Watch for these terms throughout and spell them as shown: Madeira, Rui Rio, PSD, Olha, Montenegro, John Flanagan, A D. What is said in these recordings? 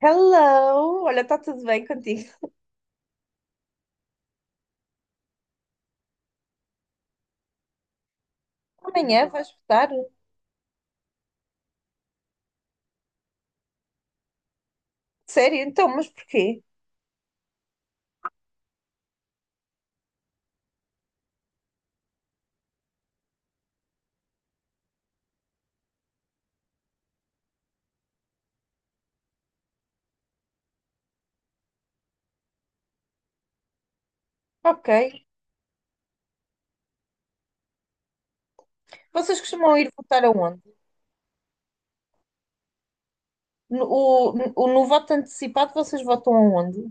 Hello! Olha, está tudo bem contigo? Amanhã vais votar? Sério? Então, mas porquê? Ok. Vocês costumam ir votar aonde? No, o, no voto antecipado, vocês votam aonde?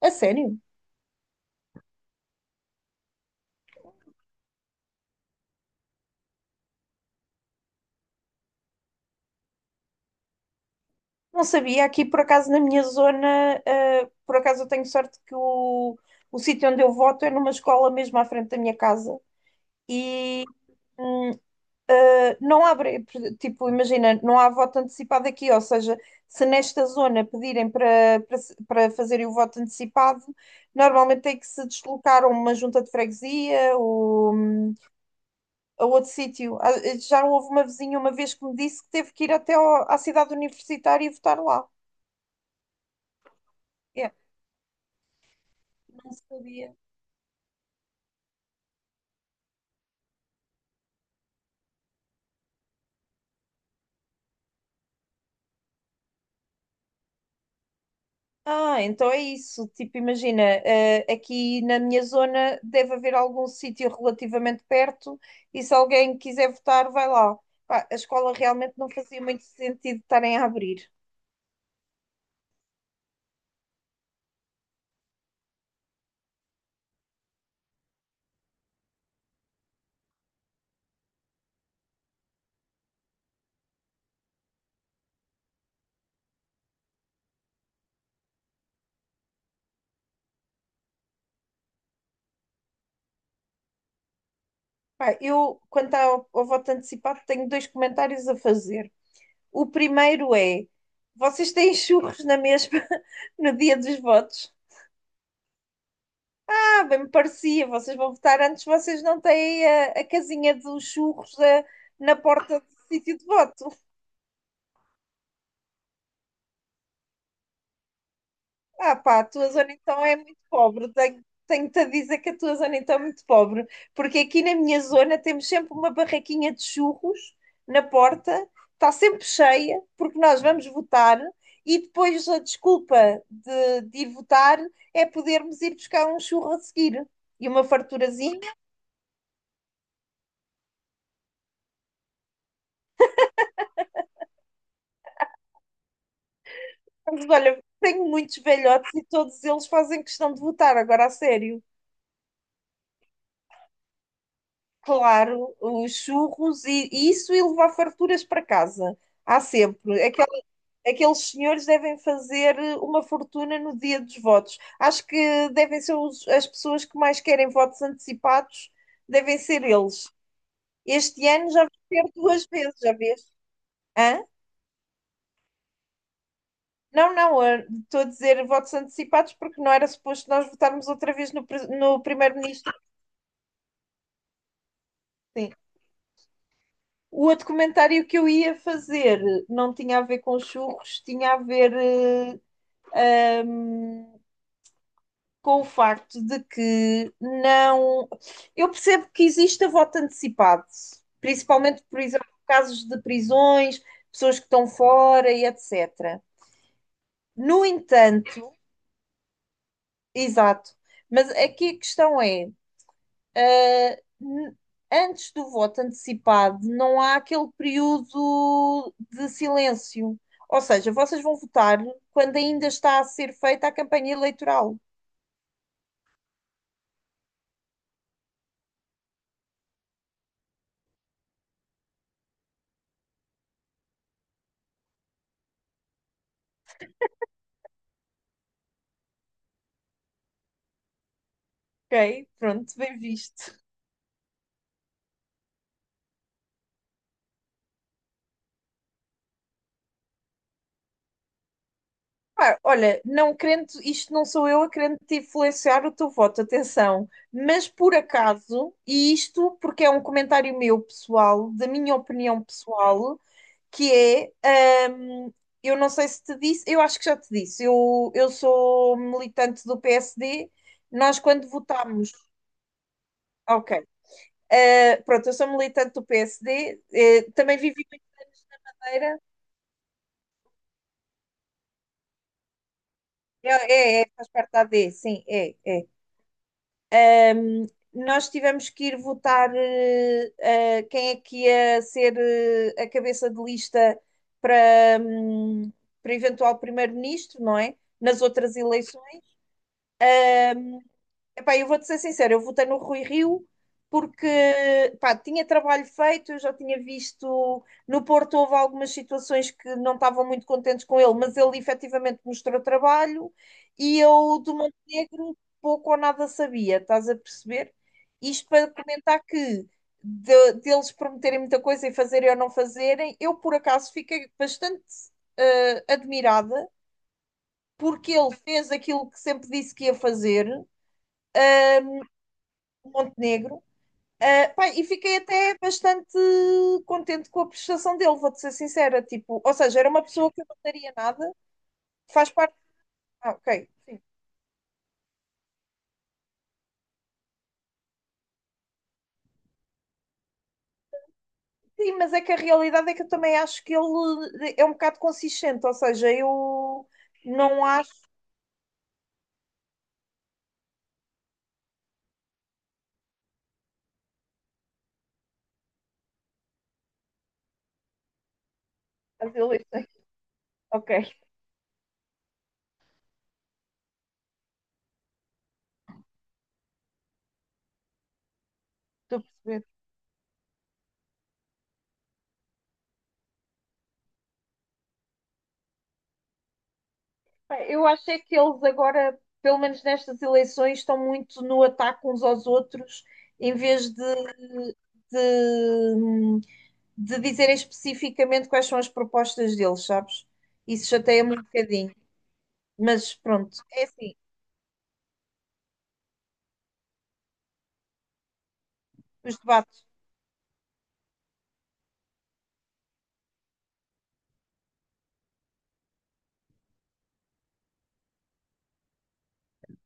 A sério? Não sabia. Aqui, por acaso, na minha zona, por acaso eu tenho sorte que o sítio onde eu voto é numa escola mesmo à frente da minha casa. E Não há, bre- tipo, imagina, não há voto antecipado aqui, ou seja, se nesta zona pedirem para, para, se- para fazerem o voto antecipado, normalmente tem que se deslocar a uma junta de freguesia ou a outro sítio. Ah, já houve uma vizinha uma vez que me disse que teve que ir à cidade universitária e votar lá. É, não sabia. Ah, então é isso. Tipo, imagina, aqui na minha zona deve haver algum sítio relativamente perto e se alguém quiser votar, vai lá. Pá, a escola realmente não fazia muito sentido estarem a abrir. Pá, eu, ao voto antecipado, tenho dois comentários a fazer. O primeiro é: vocês têm churros na mesma no dia dos votos? Ah, bem me parecia, vocês vão votar antes, vocês não têm a casinha dos churros na porta do sítio de voto. Ah, pá, a tua zona então é muito pobre. Tenho-te a dizer que a tua zona então é muito pobre, porque aqui na minha zona temos sempre uma barraquinha de churros na porta, está sempre cheia, porque nós vamos votar e depois a desculpa de ir votar é podermos ir buscar um churro a seguir e uma farturazinha. Mas olha, tenho muitos velhotes e todos eles fazem questão de votar, agora a sério. Claro, os churros e isso e levar farturas para casa. Há sempre. Aqueles senhores devem fazer uma fortuna no dia dos votos. Acho que devem ser as pessoas que mais querem votos antecipados, devem ser eles. Este ano já vou ter duas vezes, já vês? Hã? Não, eu estou a dizer votos antecipados porque não era suposto nós votarmos outra vez no primeiro-ministro. Sim. O outro comentário que eu ia fazer não tinha a ver com churros, tinha a ver com o facto de que não. Eu percebo que existe a voto antecipado, principalmente, por exemplo, casos de prisões, pessoas que estão fora e etc. No entanto, exato, mas aqui a questão é: Ah, n- antes do voto antecipado, não há aquele período de silêncio. Ou seja, vocês vão votar quando ainda está a ser feita a campanha eleitoral. Ok? Pronto, bem visto. Pá, olha, não querendo, isto não sou eu a querendo te influenciar o teu voto, atenção. Mas por acaso, e isto porque é um comentário meu pessoal, da minha opinião pessoal, que é, eu não sei se te disse, eu acho que já te disse, eu sou militante do PSD, nós quando votámos, ok, pronto, eu sou militante do PSD, também vivi em Madeira, é, é, faz parte da A D, sim, é. Hum, Nós tivemos que ir votar, quem é que ia ser a cabeça de lista para, para eventual primeiro-ministro, não é? Nas outras eleições, epá, eu vou-te ser sincera, eu votei no Rui Rio porque pá, tinha trabalho feito, eu já tinha visto no Porto houve algumas situações que não estavam muito contentes com ele, mas ele efetivamente mostrou trabalho e eu do Montenegro pouco ou nada sabia, estás a perceber? Isto para comentar que deles prometerem muita coisa e fazerem ou não fazerem, eu por acaso fiquei bastante admirada porque ele fez aquilo que sempre disse que ia fazer. eh, Montenegro. Ah, pá, e fiquei até bastante contente com a prestação dele, vou-te ser sincera. Tipo, ou seja, era uma pessoa que eu não daria nada, faz parte. Ah, ok, sim. Sim, mas é que a realidade é que eu também acho que ele é um bocado consistente, ou seja, eu não acho. As eleições. Ok, estou a perceber. Pá, eu acho é que eles agora, pelo menos nestas eleições, estão muito no ataque uns aos outros, em vez de de dizer especificamente quais são as propostas deles, sabes? Isso chateia-me um bocadinho. Mas pronto, é assim, os debates.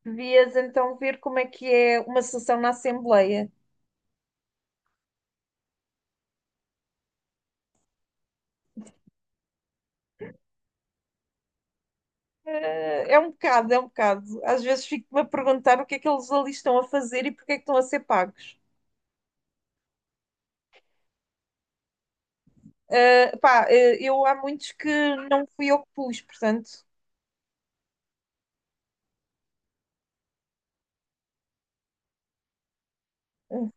Devias então ver como é que é uma sessão na Assembleia. É um bocado, é um bocado. Às vezes fico-me a perguntar o que é que eles ali estão a fazer e porque é que estão a ser pagos. Eu há muitos que não fui eu que pus, portanto, eh,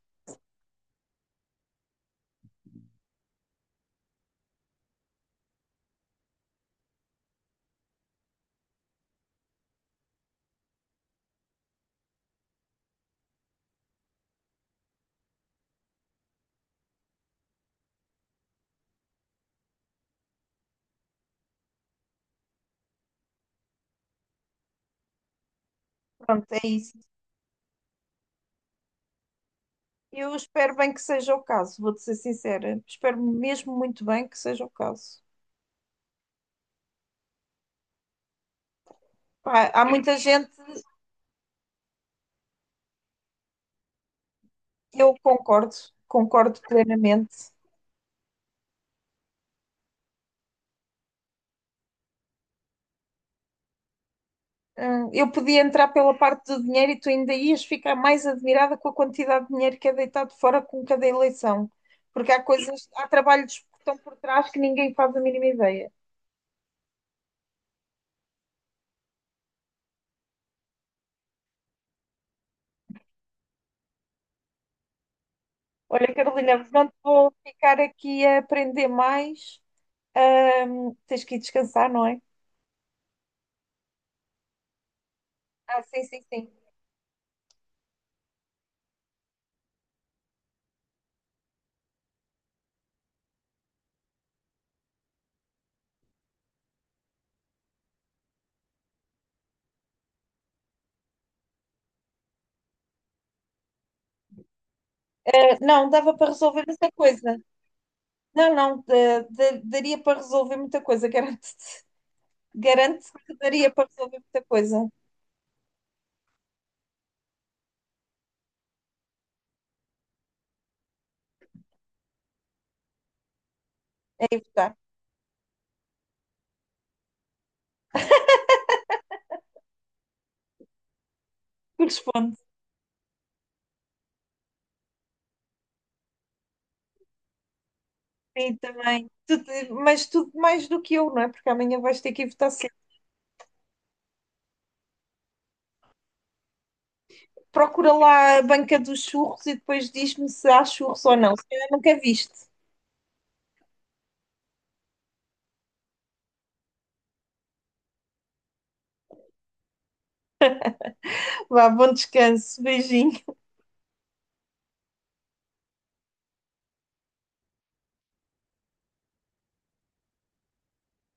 pronto, é isso. Eu espero bem que seja o caso, vou-te ser sincera. Espero mesmo muito bem que seja o caso. Pá, há muita gente. Eu concordo, concordo plenamente. Eu podia entrar pela parte do dinheiro e tu ainda ias ficar mais admirada com a quantidade de dinheiro que é deitado fora com cada eleição, porque há coisas, há trabalhos que estão por trás que ninguém faz a mínima ideia. Olha, Carolina, não te vou ficar aqui a aprender mais. Tens que ir descansar, não é? Ah, sim, sim, sim. Não, dava para resolver muita coisa. Não, não, daria para resolver muita coisa, garanto-te. Garanto que daria para resolver muita coisa. É ir votar. Corresponde. Sim, também. Mas tudo mais do que eu, não é? Porque amanhã vais ter que ir votar cedo. Procura lá a banca dos churros e depois diz-me se há churros ou não. Se calhar nunca viste. Vá, bom descanso. Beijinho.